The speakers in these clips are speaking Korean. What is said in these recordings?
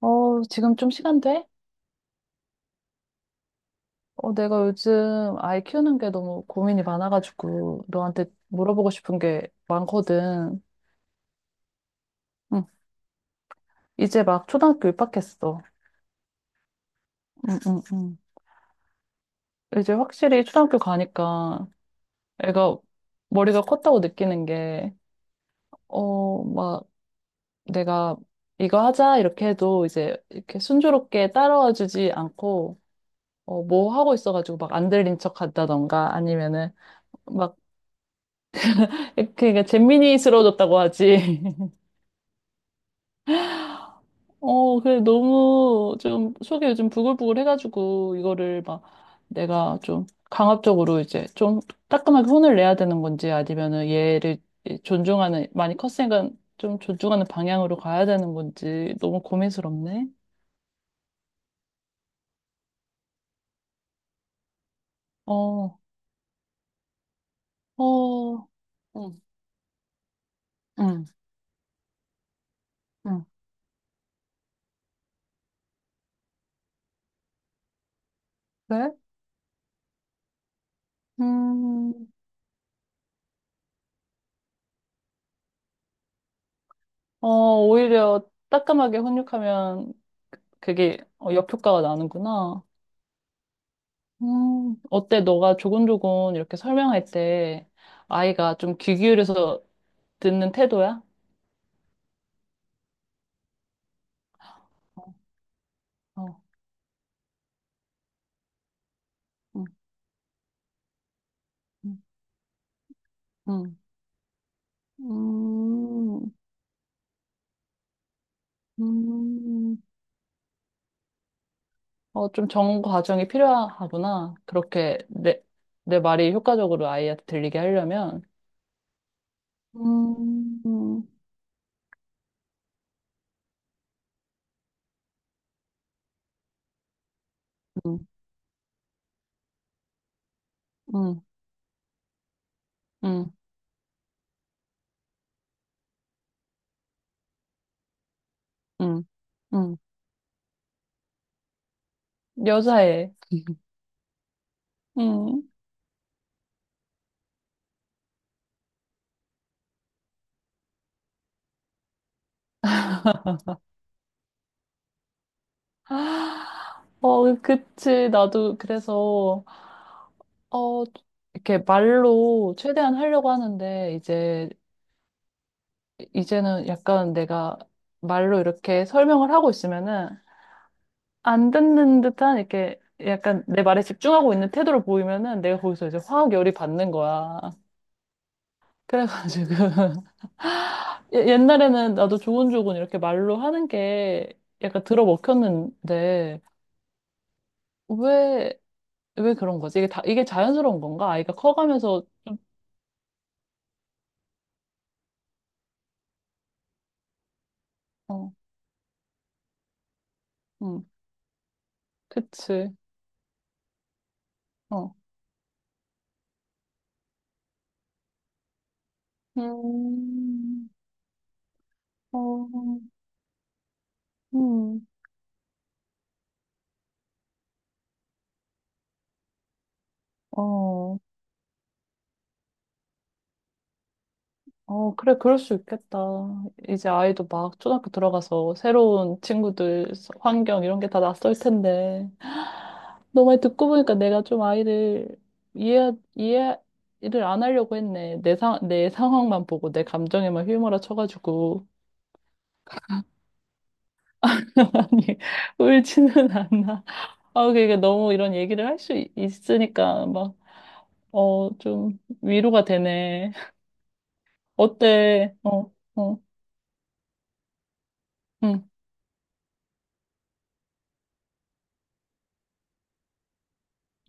어, 지금 좀 시간 돼? 어, 내가 요즘 아이 키우는 게 너무 고민이 많아가지고 너한테 물어보고 싶은 게 많거든. 응. 이제 막 초등학교 입학했어. 응, 응, 응. 이제 확실히 초등학교 가니까 애가 머리가 컸다고 느끼는 게, 어, 막 내가 이거 하자 이렇게 해도 이제 이렇게 순조롭게 따라와 주지 않고, 어, 뭐 하고 있어가지고 막 안 들린 척 한다던가 아니면은 막 이렇게 재민이스러워졌다고 하지. 어, 그래, 너무 좀 속이 요즘 부글부글 해가지고 이거를 막 내가 좀 강압적으로 이제 좀 따끔하게 혼을 내야 되는 건지 아니면은 얘를 존중하는, 많이 컸으니까 좀 존중하는 방향으로 가야 되는 건지 너무 고민스럽네. 어, 어, 응, 응, 응. 그래? 음, 어, 오히려 따끔하게 훈육하면 그게 어, 역효과가 나는구나. 어때? 너가 조곤조곤 이렇게 설명할 때 아이가 좀 귀 기울여서 듣는 태도야? 어, 음, 음, 음, 음, 음. 어, 좀 정원 과정이 필요하구나. 그렇게 내, 내 말이 효과적으로 아이한테 들리게 하려면. 음, 음, 음, 음, 음, 음. 음. 여자애. 음. 아, 어, 그치. 나도 그래서. 어, 이렇게 말로 최대한 하려고 하는데, 이제, 이제는 약간 내가 말로 이렇게 설명을 하고 있으면은, 안 듣는 듯한, 이렇게 약간 내 말에 집중하고 있는 태도를 보이면은, 내가 거기서 이제 화학 열이 받는 거야. 그래가지고, 옛날에는 나도 조곤조곤 이렇게 말로 하는 게 약간 들어먹혔는데, 왜, 왜 그런 거지? 이게 자연스러운 건가? 아이가 커가면서 좀, 어, 음, 그치. 어. 음, 어, 음, 어, 어, 그래, 그럴 수 있겠다. 이제 아이도 막 초등학교 들어가서 새로운 친구들, 환경 이런 게 다 낯설 텐데. 너 말 듣고 보니까 내가 좀 아이를 이해를 안 하려고 했네. 내 상황만 보고 내 감정에만 휘몰아 쳐가지고. 아니, 울지는 않나. 아, 그러니까 너무 이런 얘기를 할 수 있으니까 막, 어, 좀 위로가 되네. 어때? 어, 어, 응,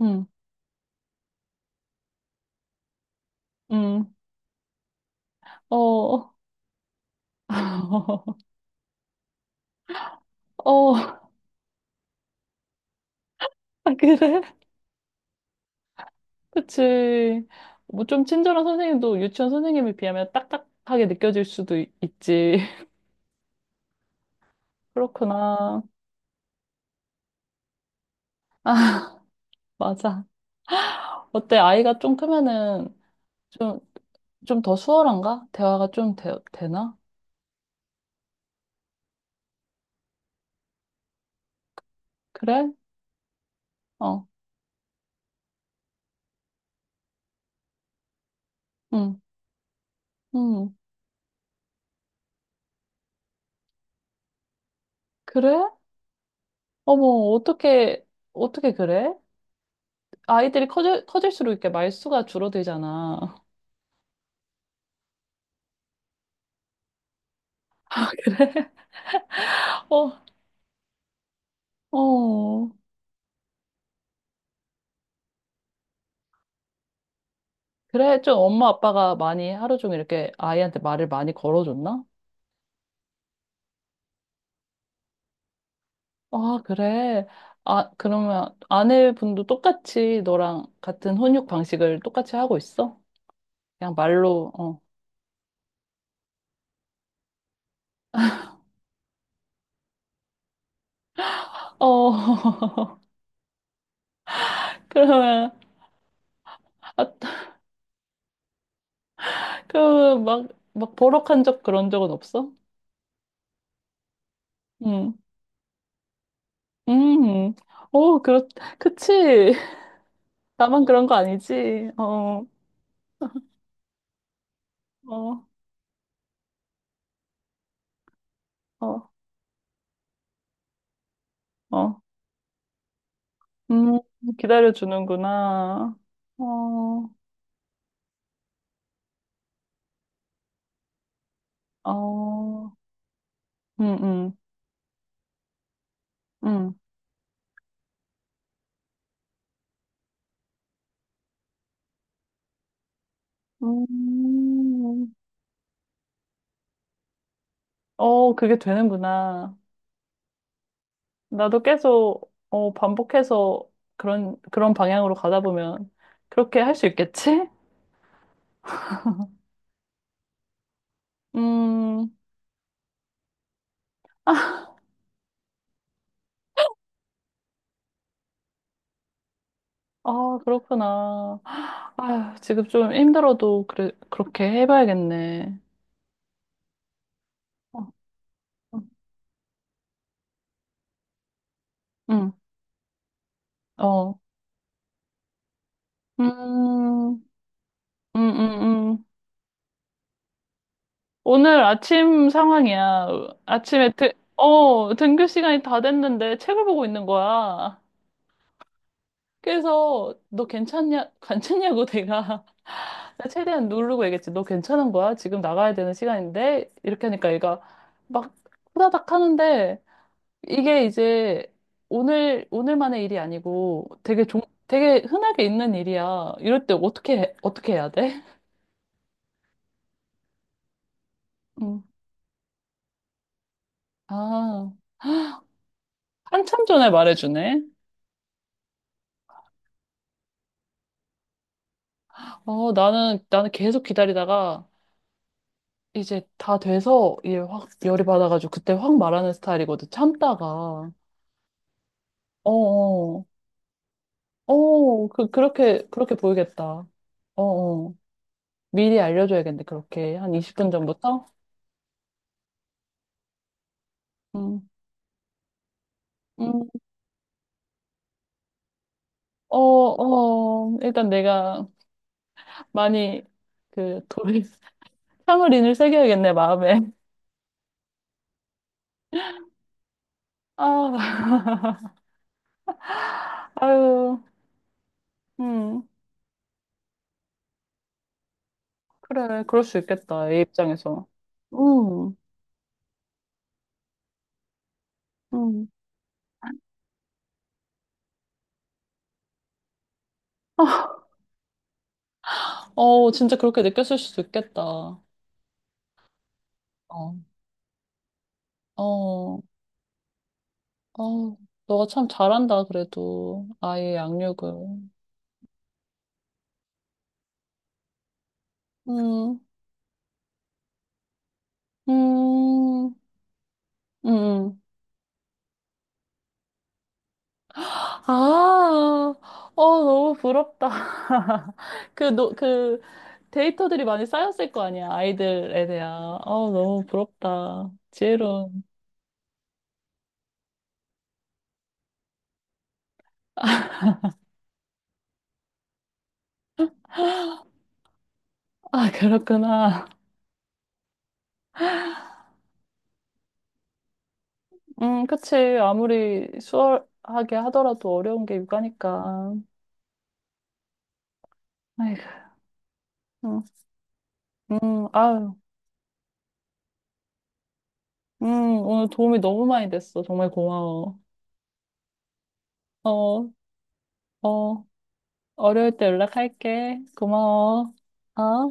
응, 응, 어, 어, 아, 그래? 그치. 뭐 좀 친절한 선생님도 유치원 선생님에 비하면 딱딱하게 느껴질 수도 있지. 그렇구나. 맞아. 어때? 아이가 좀 크면은 좀, 좀 더 수월한가? 대화가 좀 되나? 그래? 어, 응, 응. 그래? 어머, 어떻게, 어떻게 그래? 아이들이 커질수록 이렇게 말수가 줄어들잖아. 그래? 어, 어. 그래, 좀 엄마 아빠가 많이 하루 종일 이렇게 아이한테 말을 많이 걸어줬나? 아, 그래. 아, 그러면 아내분도 똑같이 너랑 같은 혼육 방식을 똑같이 하고 있어? 그냥 말로, 어. 어, 그러면, 아, 그, 막, 막 버럭한 적 그런 적은 없어? 응, 음, 오, 그렇, 그치. 나만 그런 거 아니지. 어, 어, 어, 어. 음, 기다려주는구나. 어, 어, 음, 음, 음. 음, 어, 그게 되는구나. 나도 계속, 어, 반복해서 그런 방향으로 가다 보면 그렇게 할 수 있겠지? 음, 아, 그렇구나. 아휴, 지금 좀 힘들어도 그래, 그렇게 해봐야겠네. 어, 어, 음, 어, 음, 음, 음, 음. 오늘 아침 상황이야. 아침에 등교 시간이 다 됐는데 책을 보고 있는 거야. 그래서 너 괜찮냐, 괜찮냐고 내가 내가 최대한 누르고 얘기했지. 너 괜찮은 거야? 지금 나가야 되는 시간인데? 이렇게 하니까 얘가 막 후다닥 하는데 이게 이제 오늘만의 일이 아니고 되게 흔하게 있는 일이야. 이럴 때 어떻게 해야 돼? 음. 아, 한참 전에 말해주네. 어, 나는 계속 기다리다가 이제 다 돼서 이제 확 열이 받아가지고 그때 확 말하는 스타일이거든. 참다가. 어어. 어, 어, 그렇게 보이겠다. 어어. 미리 알려줘야겠네. 그렇게. 한 20분 전부터? 응. 음 어, 어. 일단 내가 많이 그 돌, 참을인을 새겨야겠네, 마음에. 아, 아유. 음. 그래. 그럴 수 있겠다. 얘 입장에서. 음. 음. 어, 진짜 그렇게 느꼈을 수도 있겠다. 어, 어, 어, 너가 참 잘한다, 그래도. 아이의 양육을. 음, 음, 음. 아, 어, 너무 부럽다. 그, 너, 그, 데이터들이 많이 쌓였을 거 아니야, 아이들에 대한. 어, 너무 부럽다. 지혜로운. 아, 그렇구나. 그치. 아무리 수월하게 하더라도 어려운 게 육아니까. 아이고, 음, 아유. 음, 오늘 도움이 너무 많이 됐어. 정말 고마워. 어, 어, 어려울 때 연락할게. 고마워. 어?